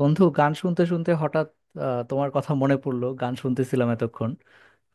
বন্ধু গান শুনতে শুনতে হঠাৎ তোমার কথা মনে পড়লো। গান শুনতেছিলাম এতক্ষণ।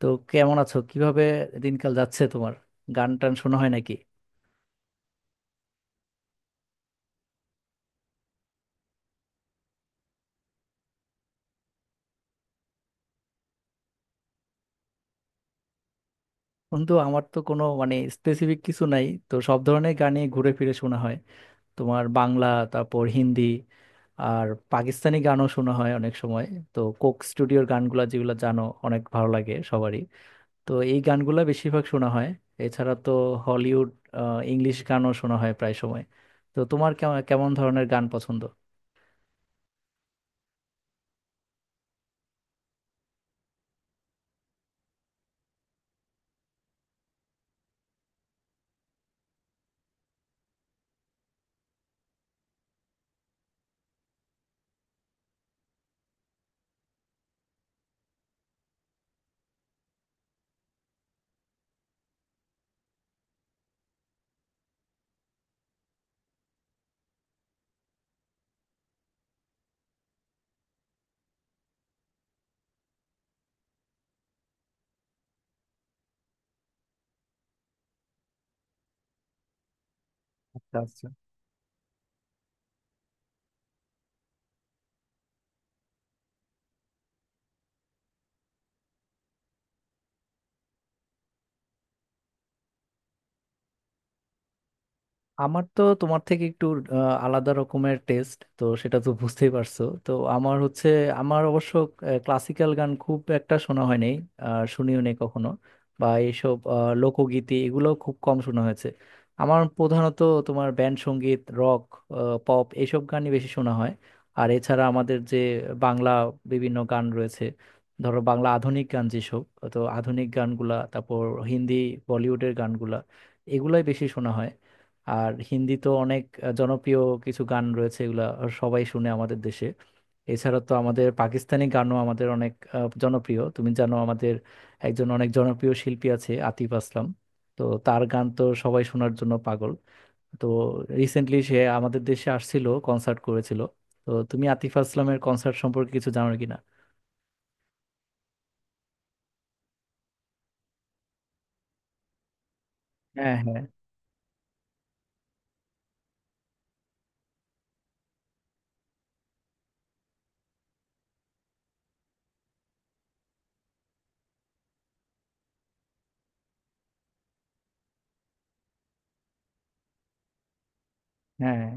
তো কেমন আছো? কিভাবে দিনকাল যাচ্ছে তোমার? গান টান শোনা হয় নাকি? বন্ধু আমার তো কোনো মানে স্পেসিফিক কিছু নাই তো, সব ধরনের গানই ঘুরে ফিরে শোনা হয়। তোমার বাংলা, তারপর হিন্দি, আর পাকিস্তানি গানও শোনা হয় অনেক সময়। তো কোক স্টুডিওর গানগুলা, যেগুলো জানো অনেক ভালো লাগে সবারই, তো এই গানগুলা বেশিরভাগ শোনা হয়। এছাড়া তো হলিউড, ইংলিশ গানও শোনা হয় প্রায় সময়। তো তোমার কেমন কেমন ধরনের গান পছন্দ? আচ্ছা, আচ্ছা। আমার তো তোমার থেকে একটু আলাদা রকমের টেস্ট, তো সেটা তো বুঝতেই পারছো তো। আমার হচ্ছে, আমার অবশ্য ক্লাসিক্যাল গান খুব একটা শোনা হয় নাই, আর শুনিও নেই কখনো। বা এইসব লোকগীতি এগুলো খুব কম শোনা হয়েছে। আমার প্রধানত তোমার ব্যান্ড সঙ্গীত, রক, পপ, এইসব গানই বেশি শোনা হয়। আর এছাড়া আমাদের যে বাংলা বিভিন্ন গান রয়েছে, ধরো বাংলা আধুনিক গান যেসব, তো আধুনিক গানগুলা, তারপর হিন্দি বলিউডের গানগুলা, এগুলাই বেশি শোনা হয়। আর হিন্দি তো অনেক জনপ্রিয় কিছু গান রয়েছে, এগুলা সবাই শুনে আমাদের দেশে। এছাড়া তো আমাদের পাকিস্তানি গানও আমাদের অনেক জনপ্রিয়। তুমি জানো আমাদের একজন অনেক জনপ্রিয় শিল্পী আছে আতিফ আসলাম। তো তার গান তো সবাই শোনার জন্য পাগল। তো রিসেন্টলি সে আমাদের দেশে আসছিল, কনসার্ট করেছিল। তো তুমি আতিফ আসলামের কনসার্ট সম্পর্কে কিছু জানো কিনা? হ্যাঁ, হ্যাঁ, হ্যাঁ।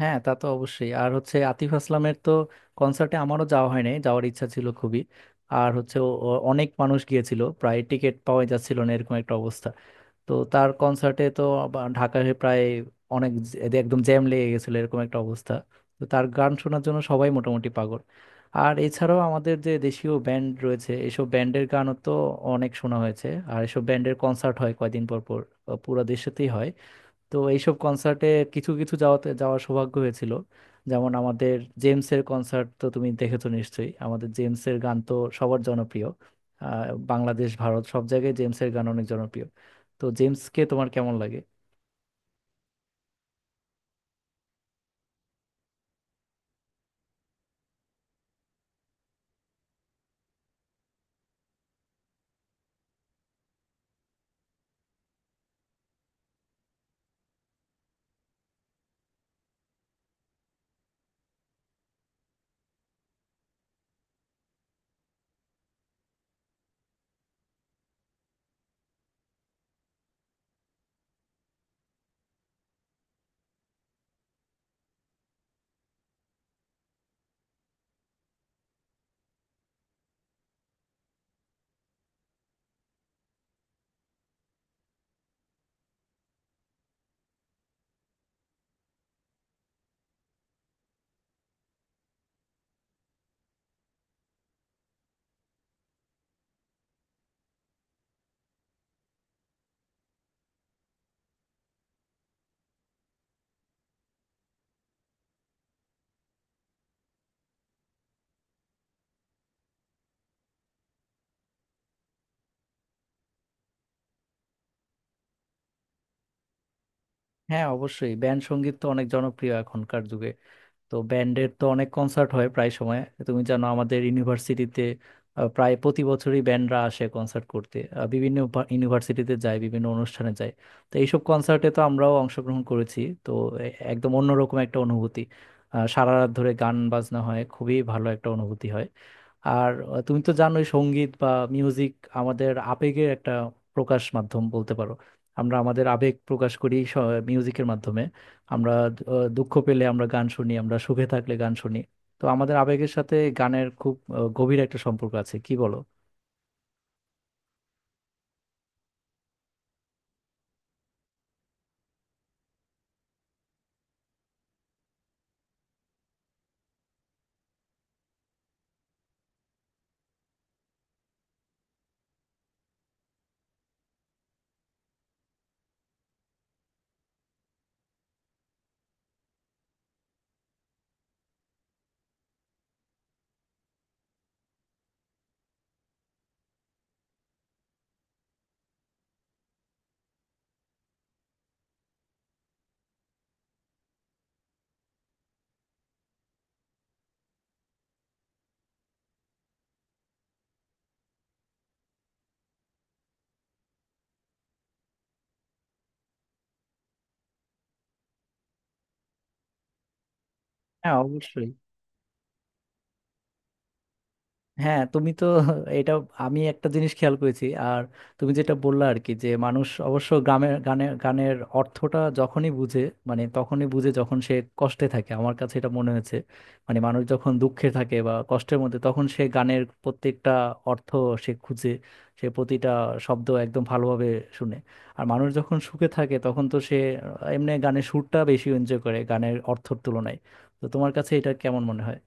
হ্যাঁ, তা তো অবশ্যই। আর হচ্ছে আতিফ আসলামের তো কনসার্টে আমারও যাওয়া হয় নাই, যাওয়ার ইচ্ছা ছিল খুবই। আর হচ্ছে ও অনেক মানুষ গিয়েছিল, প্রায় টিকিট পাওয়া যাচ্ছিল না এরকম একটা অবস্থা। তো তার কনসার্টে তো আবার ঢাকায় প্রায় অনেক এদের একদম জ্যাম লেগে গেছিল এরকম একটা অবস্থা। তো তার গান শোনার জন্য সবাই মোটামুটি পাগল। আর এছাড়াও আমাদের যে দেশীয় ব্যান্ড রয়েছে, এসব ব্যান্ডের গানও তো অনেক শোনা হয়েছে। আর এসব ব্যান্ডের কনসার্ট হয় কয়দিন পর পর, পুরো দেশেতেই হয়। তো এইসব কনসার্টে কিছু কিছু যাওয়াতে, যাওয়ার সৌভাগ্য হয়েছিল। যেমন আমাদের জেমসের কনসার্ট তো তুমি দেখেছো নিশ্চয়ই। আমাদের জেমসের গান তো সবার জনপ্রিয়। আহ, বাংলাদেশ, ভারত, সব জায়গায় জেমসের গান অনেক জনপ্রিয়। তো জেমসকে তোমার কেমন লাগে? হ্যাঁ, অবশ্যই ব্যান্ড সঙ্গীত তো অনেক জনপ্রিয় এখনকার যুগে। তো ব্যান্ডের তো অনেক কনসার্ট হয় প্রায় সময়। তুমি জানো আমাদের ইউনিভার্সিটিতে প্রায় প্রতি বছরই ব্যান্ডরা আসে কনসার্ট করতে। বিভিন্ন ইউনিভার্সিটিতে যায়, বিভিন্ন অনুষ্ঠানে যায়। তো এইসব কনসার্টে তো আমরাও অংশগ্রহণ করেছি তো। একদম অন্যরকম একটা অনুভূতি। সারা রাত ধরে গান বাজনা হয়, খুবই ভালো একটা অনুভূতি হয়। আর তুমি তো জানোই সঙ্গীত বা মিউজিক আমাদের আবেগের একটা প্রকাশ মাধ্যম বলতে পারো। আমরা আমাদের আবেগ প্রকাশ করি মিউজিকের মাধ্যমে। আমরা দুঃখ পেলে আমরা গান শুনি, আমরা সুখে থাকলে গান শুনি। তো আমাদের আবেগের সাথে গানের খুব গভীর একটা সম্পর্ক আছে, কি বলো? হ্যাঁ, অবশ্যই। হ্যাঁ, তুমি তো, এটা, আমি একটা জিনিস খেয়াল করেছি। আর তুমি যেটা বললা আর কি, যে মানুষ অবশ্য গ্রামের গানের গানের অর্থটা যখনই বুঝে, মানে তখনই বুঝে যখন সে কষ্টে থাকে, আমার কাছে এটা মনে হয়েছে। মানে মানুষ যখন দুঃখে থাকে বা কষ্টের মধ্যে তখন সে গানের প্রত্যেকটা অর্থ সে খুঁজে, সে প্রতিটা শব্দ একদম ভালোভাবে শুনে। আর মানুষ যখন সুখে থাকে তখন তো সে এমনি গানের সুরটা বেশি এনজয় করে গানের অর্থের তুলনায়। তো তোমার কাছে এটা কেমন মনে হয়?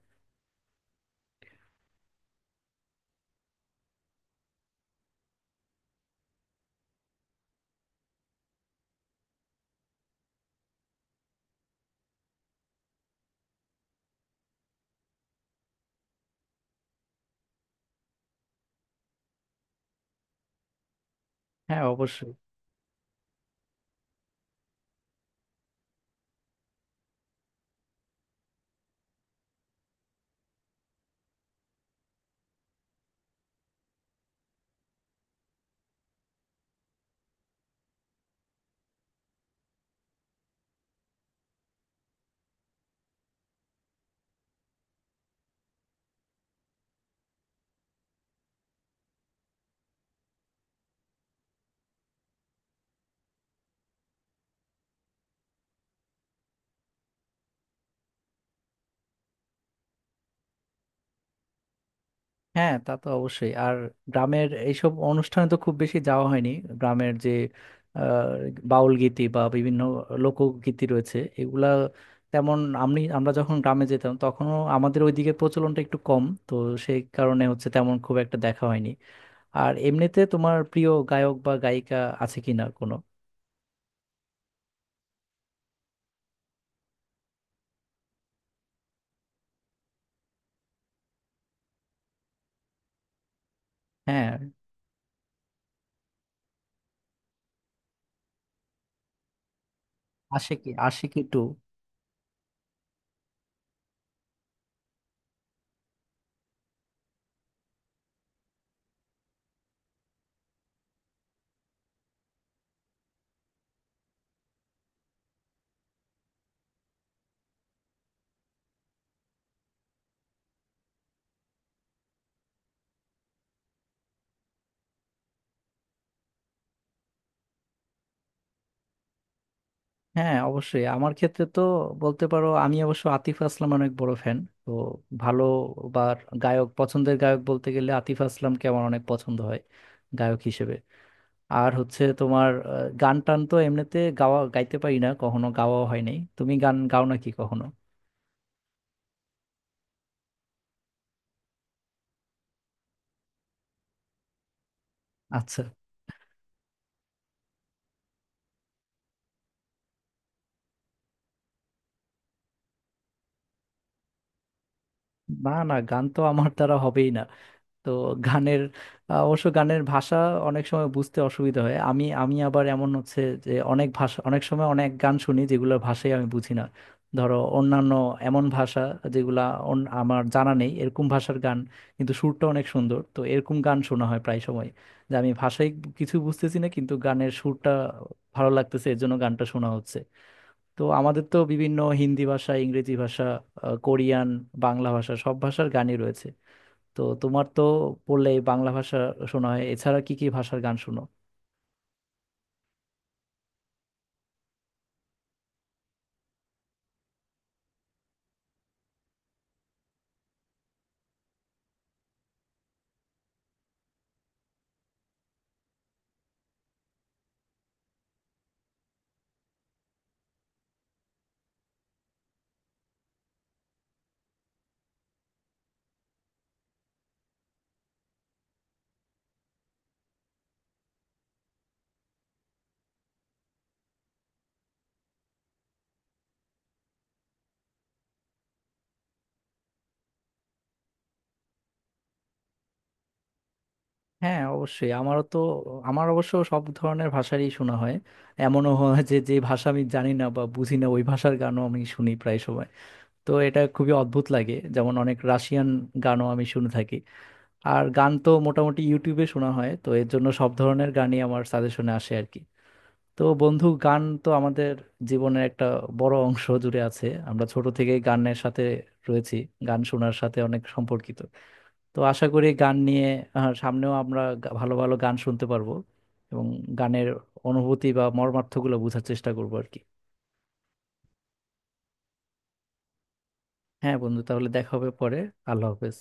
হ্যাঁ, অবশ্যই। হ্যাঁ, তা তো অবশ্যই। আর গ্রামের এইসব অনুষ্ঠানে তো খুব বেশি যাওয়া হয়নি। গ্রামের যে আহ, বাউল গীতি বা বিভিন্ন লোকগীতি রয়েছে এগুলা তেমন, আমি আমরা যখন গ্রামে যেতাম তখনও আমাদের ওইদিকে প্রচলনটা একটু কম তো, সেই কারণে হচ্ছে তেমন খুব একটা দেখা হয়নি। আর এমনিতে তোমার প্রিয় গায়ক বা গায়িকা আছে কিনা কোনো? হ্যাঁ। আশিকি, আশিকি টু। হ্যাঁ, অবশ্যই। আমার ক্ষেত্রে তো বলতে পারো আমি অবশ্য আতিফ আসলাম অনেক বড় ফ্যান। তো ভালো বা গায়ক, পছন্দের গায়ক বলতে গেলে আতিফ আসলামকে আমার অনেক পছন্দ হয় গায়ক হিসেবে। আর হচ্ছে তোমার গান টান তো এমনিতে গাওয়া, গাইতে পারি না, কখনো গাওয়া হয় নাই। তুমি গান গাও নাকি কখনো? আচ্ছা। না, না, গান তো আমার দ্বারা হবেই না। তো গানের অবশ্য গানের ভাষা অনেক সময় বুঝতে অসুবিধা হয়। আমি আমি আবার এমন হচ্ছে যে অনেক ভাষা, অনেক সময় অনেক গান শুনি যেগুলোর ভাষাই আমি বুঝি না। ধরো অন্যান্য এমন ভাষা যেগুলা আমার জানা নেই এরকম ভাষার গান, কিন্তু সুরটা অনেক সুন্দর, তো এরকম গান শোনা হয় প্রায় সময়। যে আমি ভাষাই কিছু বুঝতেছি না কিন্তু গানের সুরটা ভালো লাগতেছে, এর জন্য গানটা শোনা হচ্ছে। তো আমাদের তো বিভিন্ন হিন্দি ভাষা, ইংরেজি ভাষা, কোরিয়ান, বাংলা ভাষা, সব ভাষার গানই রয়েছে। তো তোমার তো পড়লে এই বাংলা ভাষা শোনা হয়, এছাড়া কি কি ভাষার গান শোনো? হ্যাঁ, অবশ্যই। আমারও তো, আমার অবশ্য সব ধরনের ভাষারই শোনা হয়। এমনও হয় যে যে ভাষা আমি জানি না বা বুঝি না, ওই ভাষার গানও আমি শুনি প্রায় সময়। তো এটা খুবই অদ্ভুত লাগে। যেমন অনেক রাশিয়ান গানও আমি শুনে থাকি। আর গান তো মোটামুটি ইউটিউবে শোনা হয়, তো এর জন্য সব ধরনের গানই আমার সাজেশনে আসে আর কি। তো বন্ধু গান তো আমাদের জীবনের একটা বড় অংশ জুড়ে আছে। আমরা ছোট থেকে গানের সাথে রয়েছি, গান শোনার সাথে অনেক সম্পর্কিত। তো আশা করি গান নিয়ে সামনেও আমরা ভালো ভালো গান শুনতে পারবো, এবং গানের অনুভূতি বা মর্মার্থগুলো বোঝার চেষ্টা করবো আর কি। হ্যাঁ বন্ধু, তাহলে দেখা হবে পরে। আল্লাহ হাফেজ।